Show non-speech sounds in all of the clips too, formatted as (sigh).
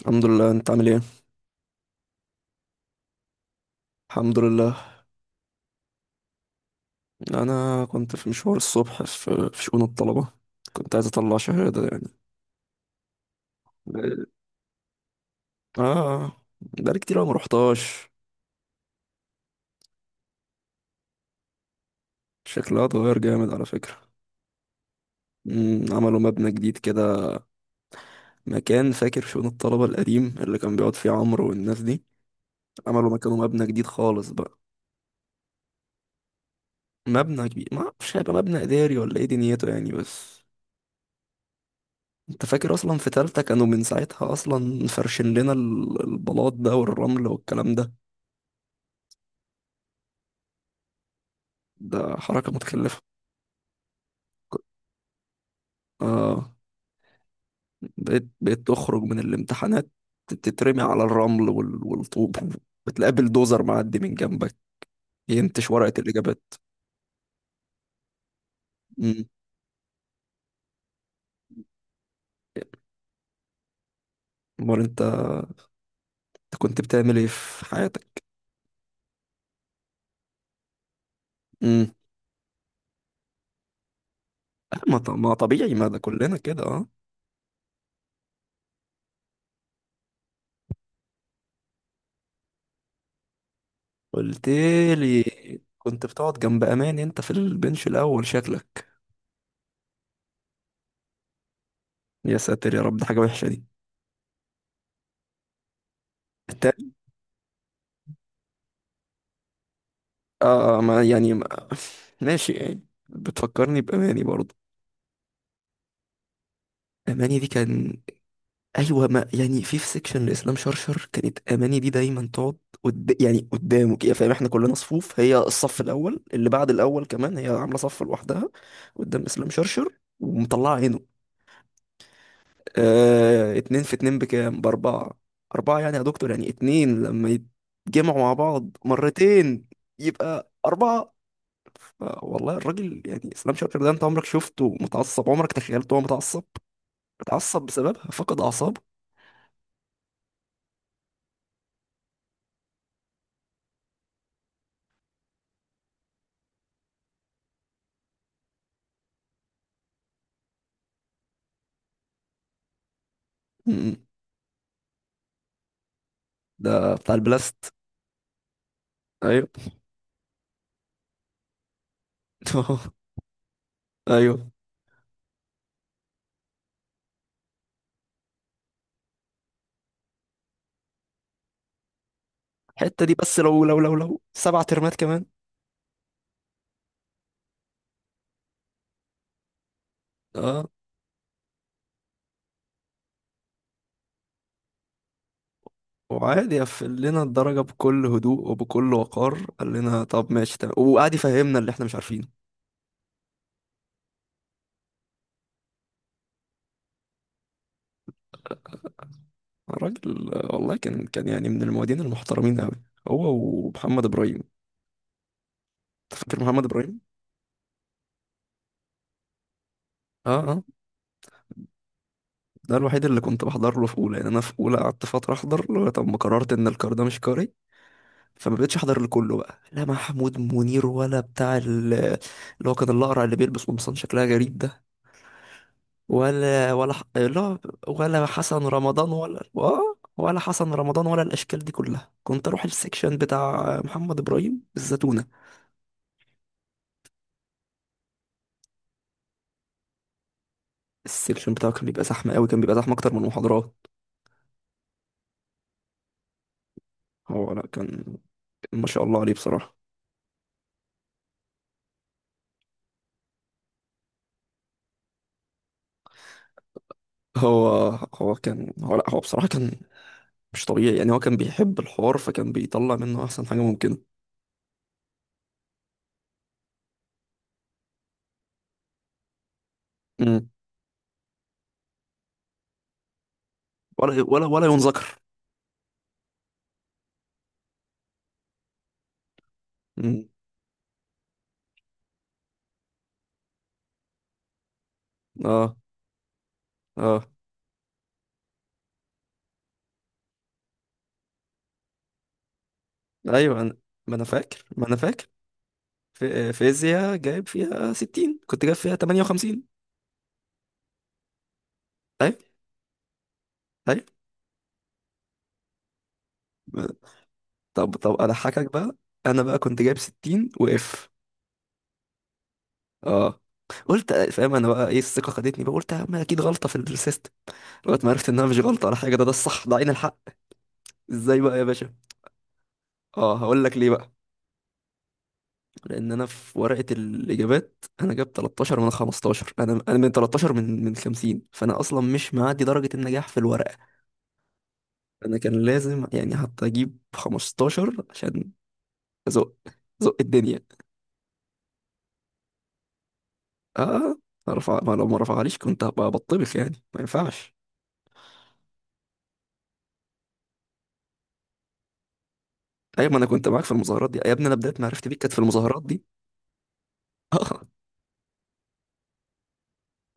الحمد لله، انت عامل ايه؟ الحمد لله. انا كنت في مشوار الصبح في شؤون الطلبه. كنت عايز اطلع شهاده يعني. اه. بقالي كتير أوي ما روحتهاش. شكلها اتغير جامد على فكره. عملوا مبنى جديد كده، مكان فاكر شؤون الطلبه القديم اللي كان بيقعد فيه عمرو والناس دي. عملوا مكانه مبنى جديد خالص بقى. مبنى كبير، ما اعرفش هيبقى مبنى اداري ولا ايه دنيته يعني بس. انت فاكر اصلا في تالتة كانوا من ساعتها اصلا فرشين لنا البلاط ده والرمل والكلام ده. ده حركة متكلفة. اه. بقيت تخرج من الامتحانات، تترمي على الرمل والطوب، بتقابل دوزر معدي من جنبك ينتش ورقة الإجابات. امم. أمال أنت كنت بتعمل إيه في حياتك؟ امم. ما طبيعي، ما ده كلنا كده. اه. قلت لي كنت بتقعد جنب أماني أنت في البنش الأول شكلك. يا ساتر يا رب، ده حاجة وحشة دي. التاني. ما يعني ما ماشي يعني، بتفكرني بأماني برضه. أماني دي كان. ايوه، ما يعني في سيكشن لاسلام شرشر كانت اماني دي دايما تقعد يعني قدامه كده، فاهم احنا كلنا صفوف، هي الصف الاول اللي بعد الاول كمان، هي عامله صف لوحدها قدام اسلام شرشر ومطلعه عينه. اتنين في اتنين بكام؟ باربعه. اربعه يعني يا دكتور، يعني اتنين لما يتجمعوا مع بعض مرتين يبقى اربعه. والله الراجل يعني اسلام شرشر ده، انت عمرك شفته متعصب؟ عمرك تخيلته هو متعصب؟ متعصب بسببها فقد اعصابه. م- م. ده بتاع البلاست. ايوه. (laughs) ايوه. الحته دي بس، لو 7 ترمات كمان. اه. وعادي قفل لنا الدرجه بكل هدوء وبكل وقار، قال لنا طب ماشي تمام، وقعد يفهمنا اللي احنا مش عارفينه. الراجل والله كان يعني من المعيدين المحترمين قوي، هو ومحمد ابراهيم. أنت فاكر محمد ابراهيم؟ اه، اه. ده الوحيد اللي كنت بحضر له في اولى. يعني انا في اولى قعدت فتره احضر له، طب ما قررت ان الكار ده مش كاري، فما بقتش احضر لكله بقى. لا محمود منير ولا بتاع اللي هو كان الاقرع اللي بيلبس قمصان شكلها غريب ده، لا، ولا حسن رمضان، ولا حسن رمضان، ولا الاشكال دي كلها. كنت اروح السكشن بتاع محمد ابراهيم الزتونه. السكشن بتاعه كان بيبقى زحمه قوي، كان بيبقى زحمه اكتر من المحاضرات. هو لا كان، ما شاء الله عليه بصراحه. هو هو كان، هو بصراحه كان مش طبيعي يعني. هو كان بيحب الحوار، فكان بيطلع منه احسن حاجه ممكنه. امم. ولا ينذكر. امم. اه، اه. ايوه، ما انا فاكر. في فيزياء جايب فيها 60، كنت جايب فيها 58. طيب، طيب. طب، طب، اضحكك بقى. انا بقى كنت جايب 60 واف. اه. قلت فاهم، انا بقى ايه الثقه خدتني بقى، قلت يا عم اكيد غلطه في السيستم، لغايه ما عرفت انها مش غلطه ولا حاجه، ده الصح، ده عين الحق. ازاي بقى يا باشا؟ اه، هقول لك ليه بقى. لان انا في ورقه الاجابات انا جايب 13 من 15. انا من 13، من 50، فانا اصلا مش معدي درجه النجاح في الورقه. انا كان لازم يعني حتى اجيب 15 عشان زق، زق الدنيا. اه. ما رفع، ما لو ما رفعليش كنت هبقى بطبخ يعني، ما ينفعش. ايوه، ما انا كنت معاك في المظاهرات دي يا ابني. انا بدات معرفتي بيك كانت في المظاهرات دي. اه.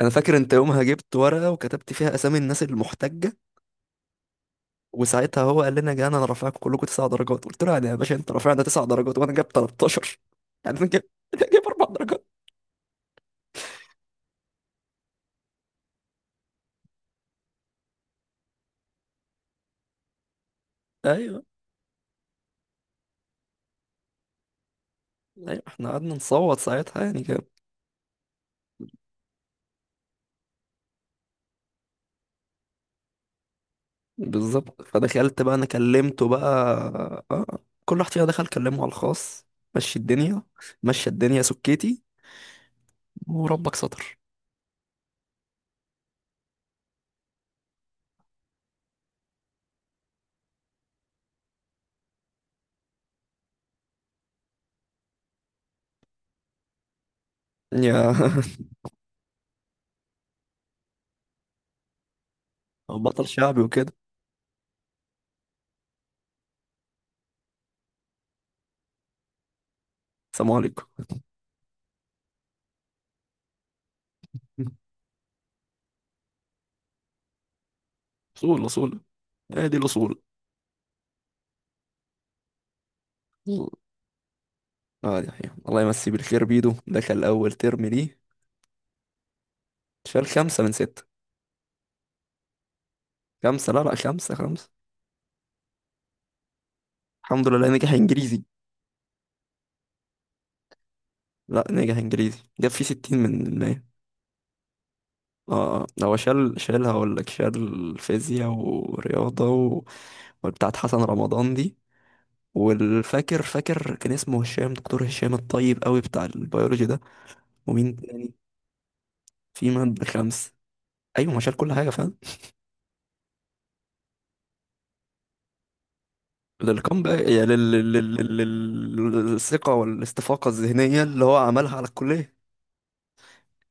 انا فاكر انت يومها جبت ورقه وكتبت فيها اسامي الناس المحتجه. وساعتها هو قال لنا، جانا انا رافعكم كلكم 9 درجات. قلت له يعني يا باشا، انت رافعنا 9 درجات وانا جايب 13، يعني انا جايب (laughs) جايب 4 درجات. ايوه، ايوه، احنا قعدنا نصوت ساعتها يعني. بالظبط، فدخلت بقى انا كلمته بقى. آه. كل واحد فينا دخل كلمه على الخاص. مشي الدنيا، مشي الدنيا، سكتي، وربك ستر. يا (laughs) بطل شعبي وكده. السلام عليكم. اصول، اصول، ادي الاصول. اه، دي حقيقة، الله يمسيه بالخير. بيدو دخل اول ترم ليه، شال 5 من 6. خمسة؟ لا، لا، خمسة، خمسة. الحمد لله نجح انجليزي. لا، نجح انجليزي، جاب فيه 60%. اه. اه. هو شال، هقول لك شال فيزياء ورياضة و... وبتاعت حسن رمضان دي. والفاكر، كان اسمه هشام، دكتور هشام الطيب قوي بتاع البيولوجي ده. ومين تاني؟ في مادة خمس. ايوه، ما شال كل حاجة فاهم. للكم بقى، يعني للثقة والاستفاقة الذهنية اللي هو عملها على الكلية.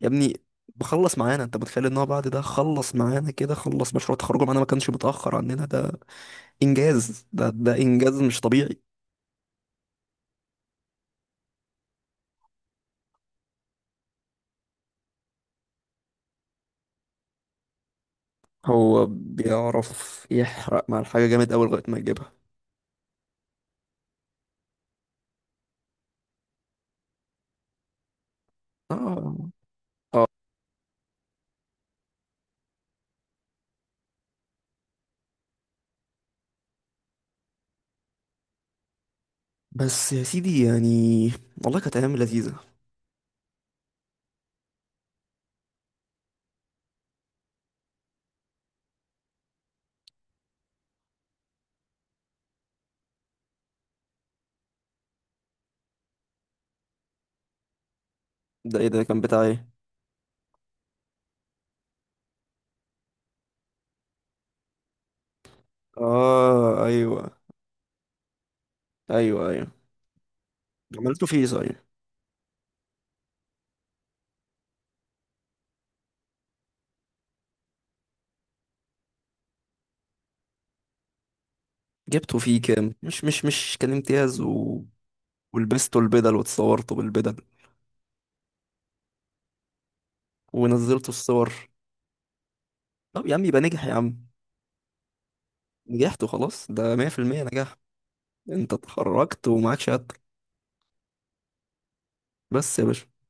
يا ابني، بخلص معانا. انت متخيل ان هو بعد ده خلص معانا كده، خلص مشروع تخرجه معانا، ما كانش متأخر عننا؟ ده انجاز، ده انجاز مش طبيعي. هو بيعرف يحرق مع الحاجة جامد أوي لغاية ما يجيبها. اه، اه. بس يا سيدي يعني، والله كانت أيام لذيذة. ده ايه ده؟ كان بتاع ايه؟ اه، ايوه، ايوه، ايوه عملته فيه صحيح. جبته فيه كام؟ مش كان امتياز و... ولبسته البدل واتصورته بالبدل، ونزلته الصور. طب يا عم يبقى نجح يا عم. نجحت وخلاص، ده 100% نجاح. انت اتخرجت ومعاك شهادتك. بس يا باشا.